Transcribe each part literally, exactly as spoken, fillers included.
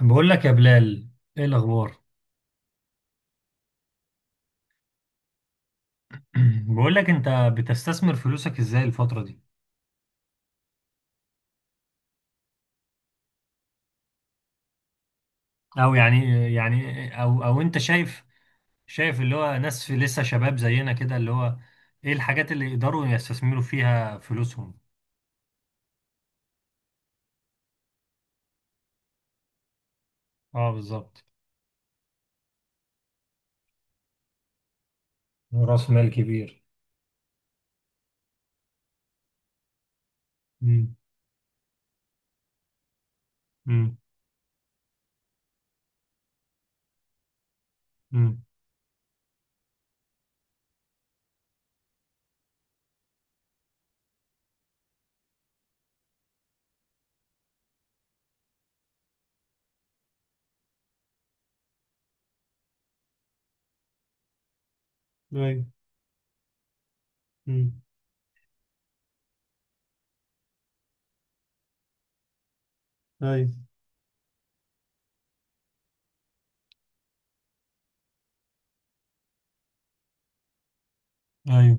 بقول لك يا بلال، ايه الاخبار؟ بقول لك انت بتستثمر فلوسك ازاي الفتره دي؟ او يعني يعني او او انت شايف شايف اللي هو ناس في لسه شباب زينا كده، اللي هو ايه الحاجات اللي يقدروا يستثمروا فيها فلوسهم؟ اه بالظبط. راس مال كبير. امم. امم. امم. ايوه. امم. ايوه. ايوه.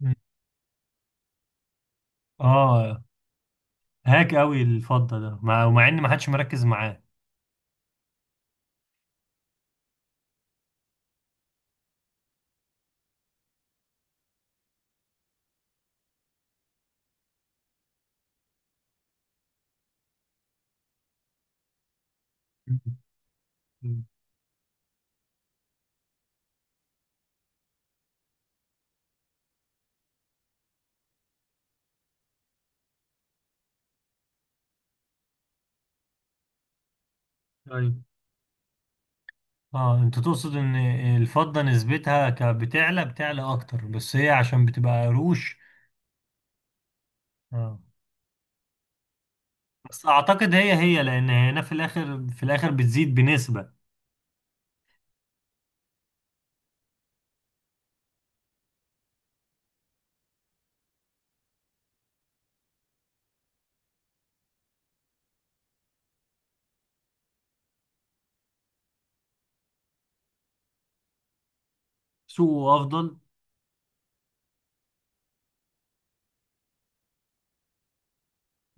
مم. اه، هاك قوي الفضه ده، مع ومع ان ما حدش مركز معاه. مم. مم. ايوه. اه انت تقصد ان الفضة نسبتها ك- بتعلى بتعلى اكتر، بس هي عشان بتبقى قروش. اه، بس اعتقد هي هي لان هنا في الاخر في الاخر بتزيد بنسبة. سوقه افضل.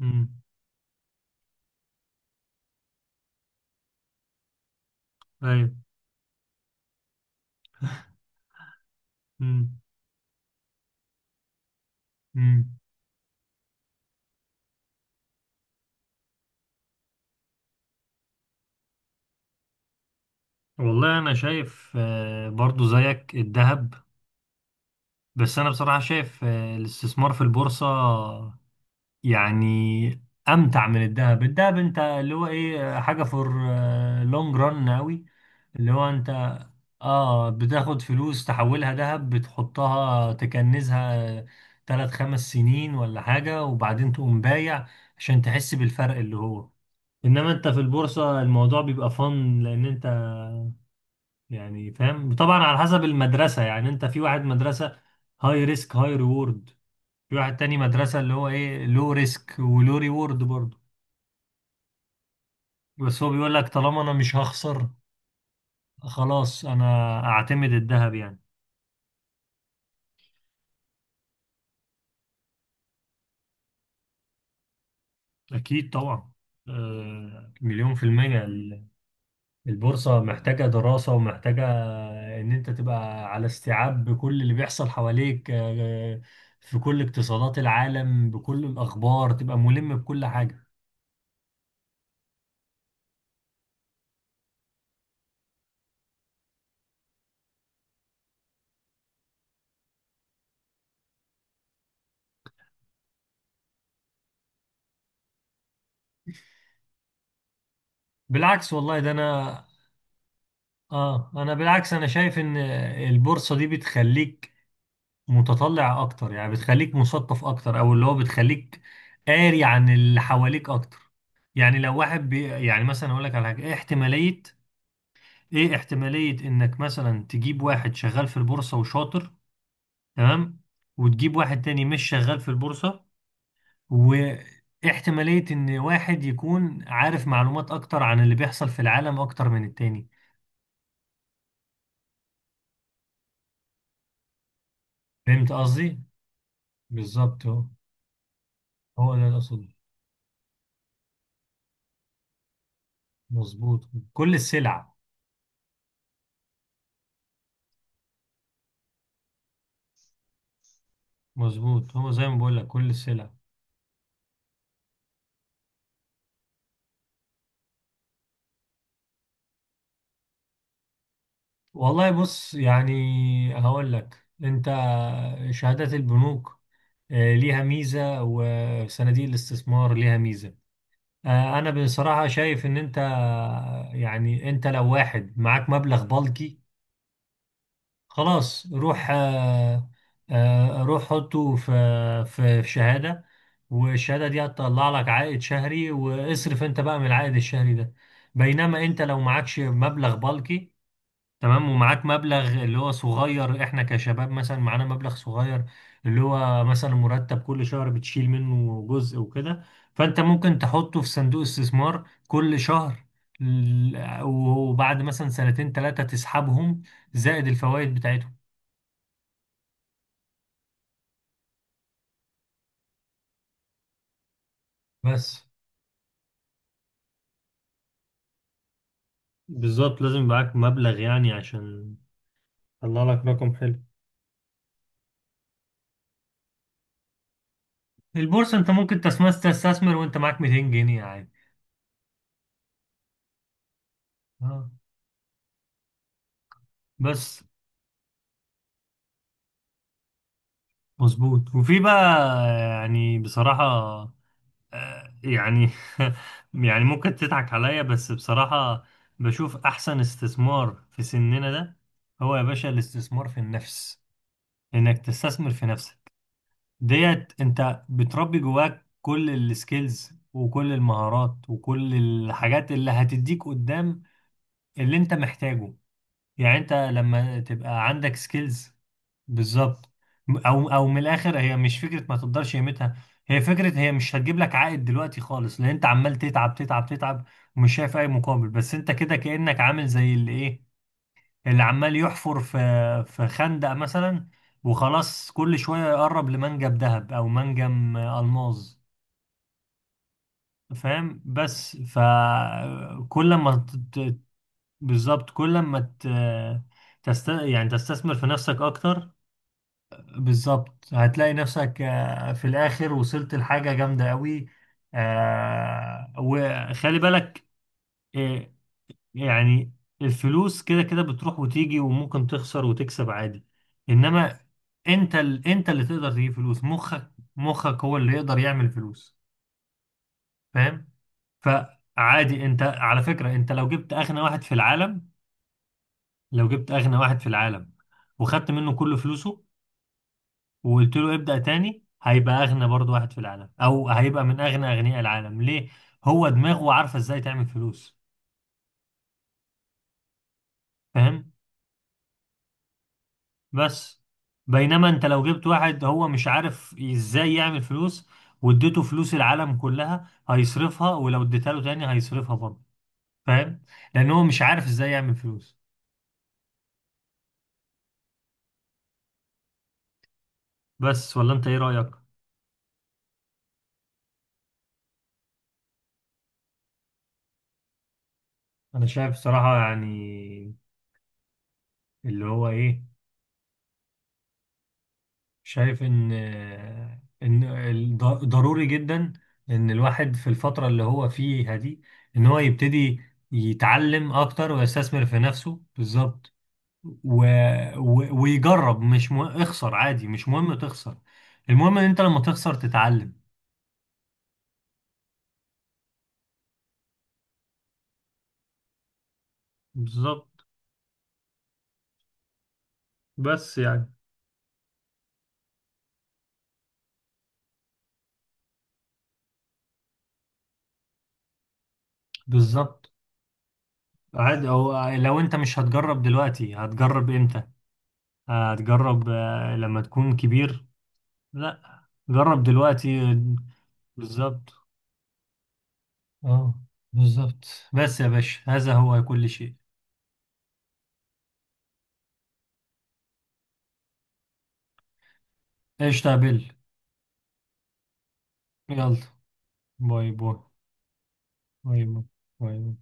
امم. ايوه. امم. امم. والله انا شايف آه، برضو زيك الذهب. بس انا بصراحة شايف آه، الاستثمار في البورصة يعني امتع من الذهب. الذهب انت اللي هو ايه، حاجه فور لونج ران قوي. اللي هو انت اه بتاخد فلوس تحولها ذهب، بتحطها تكنزها ثلاث خمس سنين ولا حاجه، وبعدين تقوم بايع عشان تحس بالفرق اللي هو. انما انت في البورصه الموضوع بيبقى فن، لان انت يعني فاهم طبعا، على حسب المدرسه. يعني انت في واحد مدرسه هاي ريسك هاي ريورد، في واحد تاني مدرسة اللي هو ايه، لو ريسك ولو ريورد برضه، بس هو بيقول لك طالما انا مش هخسر، خلاص انا اعتمد الذهب يعني. اكيد طبعا، آه، مليون في المية. ال- البورصة محتاجة دراسة ومحتاجة ان انت تبقى على استيعاب بكل اللي بيحصل حواليك، آه، في كل اقتصادات العالم، بكل الاخبار تبقى ملم بكل حاجة. بالعكس والله، ده انا اه، انا بالعكس، انا شايف ان البورصة دي بتخليك متطلع اكتر، يعني بتخليك مثقف اكتر، او اللي هو بتخليك قاري عن اللي حواليك اكتر. يعني لو واحد بي يعني مثلا اقول لك على حاجه، ايه احتماليه، ايه احتماليه انك مثلا تجيب واحد شغال في البورصه وشاطر، تمام، وتجيب واحد تاني مش شغال في البورصه، واحتماليه ان واحد يكون عارف معلومات اكتر عن اللي بيحصل في العالم اكتر من التاني؟ فهمت قصدي؟ بالظبط، هو هو ده اللي اقصده. مظبوط، كل السلع. مظبوط، هو زي ما بقول لك كل السلع. والله بص، يعني هقول لك انت، شهادات البنوك آه، ليها ميزة، وصناديق الاستثمار ليها ميزة. آه، انا بصراحة شايف ان انت يعني، انت لو واحد معاك مبلغ بلكي، خلاص روح، آه، آه، روح حطه في في في شهادة، والشهادة دي هتطلع لك عائد شهري، واصرف انت بقى من العائد الشهري ده. بينما انت لو معكش مبلغ بلكي، تمام، ومعاك مبلغ اللي هو صغير، احنا كشباب مثلا معانا مبلغ صغير، اللي هو مثلا مرتب كل شهر بتشيل منه جزء وكده، فانت ممكن تحطه في صندوق استثمار كل شهر، ل- وبعد مثلا سنتين ثلاثة تسحبهم زائد الفوائد بتاعتهم. بس بالظبط، لازم معاك مبلغ يعني عشان طلع لك رقم حلو. البورصة انت ممكن تسمس- تستثمر وانت معاك ميتين جنيه عادي. اه، بس مظبوط، وفي بقى يعني بصراحة، يعني يعني ممكن تضحك عليا، بس بصراحة بشوف أحسن استثمار في سننا ده هو يا باشا الاستثمار في النفس، إنك تستثمر في نفسك. ديت أنت بتربي جواك كل السكيلز وكل المهارات وكل الحاجات اللي هتديك قدام، اللي أنت محتاجه. يعني انت لما تبقى عندك سكيلز، بالظبط، م- او او من الاخر، هي مش فكره ما تقدرش قيمتها. هي فكره، هي مش هتجيب لك عائد دلوقتي خالص، لان انت عمال تتعب تتعب تتعب ومش شايف اي مقابل، بس انت كده كانك عامل زي اللي ايه، اللي عمال يحفر في في خندق مثلا، وخلاص كل شويه يقرب لمنجم ذهب او منجم الماظ. فاهم؟ بس فكل ما، بالظبط، كل ما ت... تست... يعني تستثمر في نفسك اكتر، بالظبط هتلاقي نفسك آه، في الاخر وصلت لحاجة جامدة قوي. آه، وخلي بالك، آه، يعني الفلوس كده كده بتروح وتيجي، وممكن تخسر وتكسب عادي. انما انت ال... انت اللي تقدر تجيب فلوس، مخك مخك هو اللي يقدر يعمل فلوس. فاهم؟ فعادي، انت على فكرة، انت لو جبت اغنى واحد في العالم لو جبت أغنى واحد في العالم وخدت منه كل فلوسه وقلت له ابدأ تاني، هيبقى أغنى برضه واحد في العالم، أو هيبقى من أغنى أغنياء العالم. ليه؟ هو دماغه عارفة إزاي تعمل فلوس. فاهم؟ بس بينما أنت لو جبت واحد هو مش عارف إزاي يعمل فلوس، واديته فلوس العالم كلها هيصرفها، ولو اديتها له تاني هيصرفها برضه. فاهم؟ لأن هو مش عارف إزاي يعمل فلوس بس. ولا أنت إيه رأيك؟ أنا شايف صراحة يعني اللي هو إيه، شايف ان ان الض- ضروري جدا ان الواحد في الفترة اللي هو فيها دي، ان هو يبتدي يتعلم اكتر ويستثمر في نفسه. بالظبط، و... و... ويجرب، مش مهم اخسر عادي، مش مهم تخسر، المهم ان انت لما تخسر تتعلم. بالظبط، بس يعني، بالظبط. عادي، او لو انت مش هتجرب دلوقتي هتجرب امتى؟ هتجرب آه، لما تكون كبير؟ لا، جرب دلوقتي. بالظبط. اه بالظبط. بس يا باشا، هذا هو كل شيء. ايش تقبل. يلا، باي باي، باي باي، باي.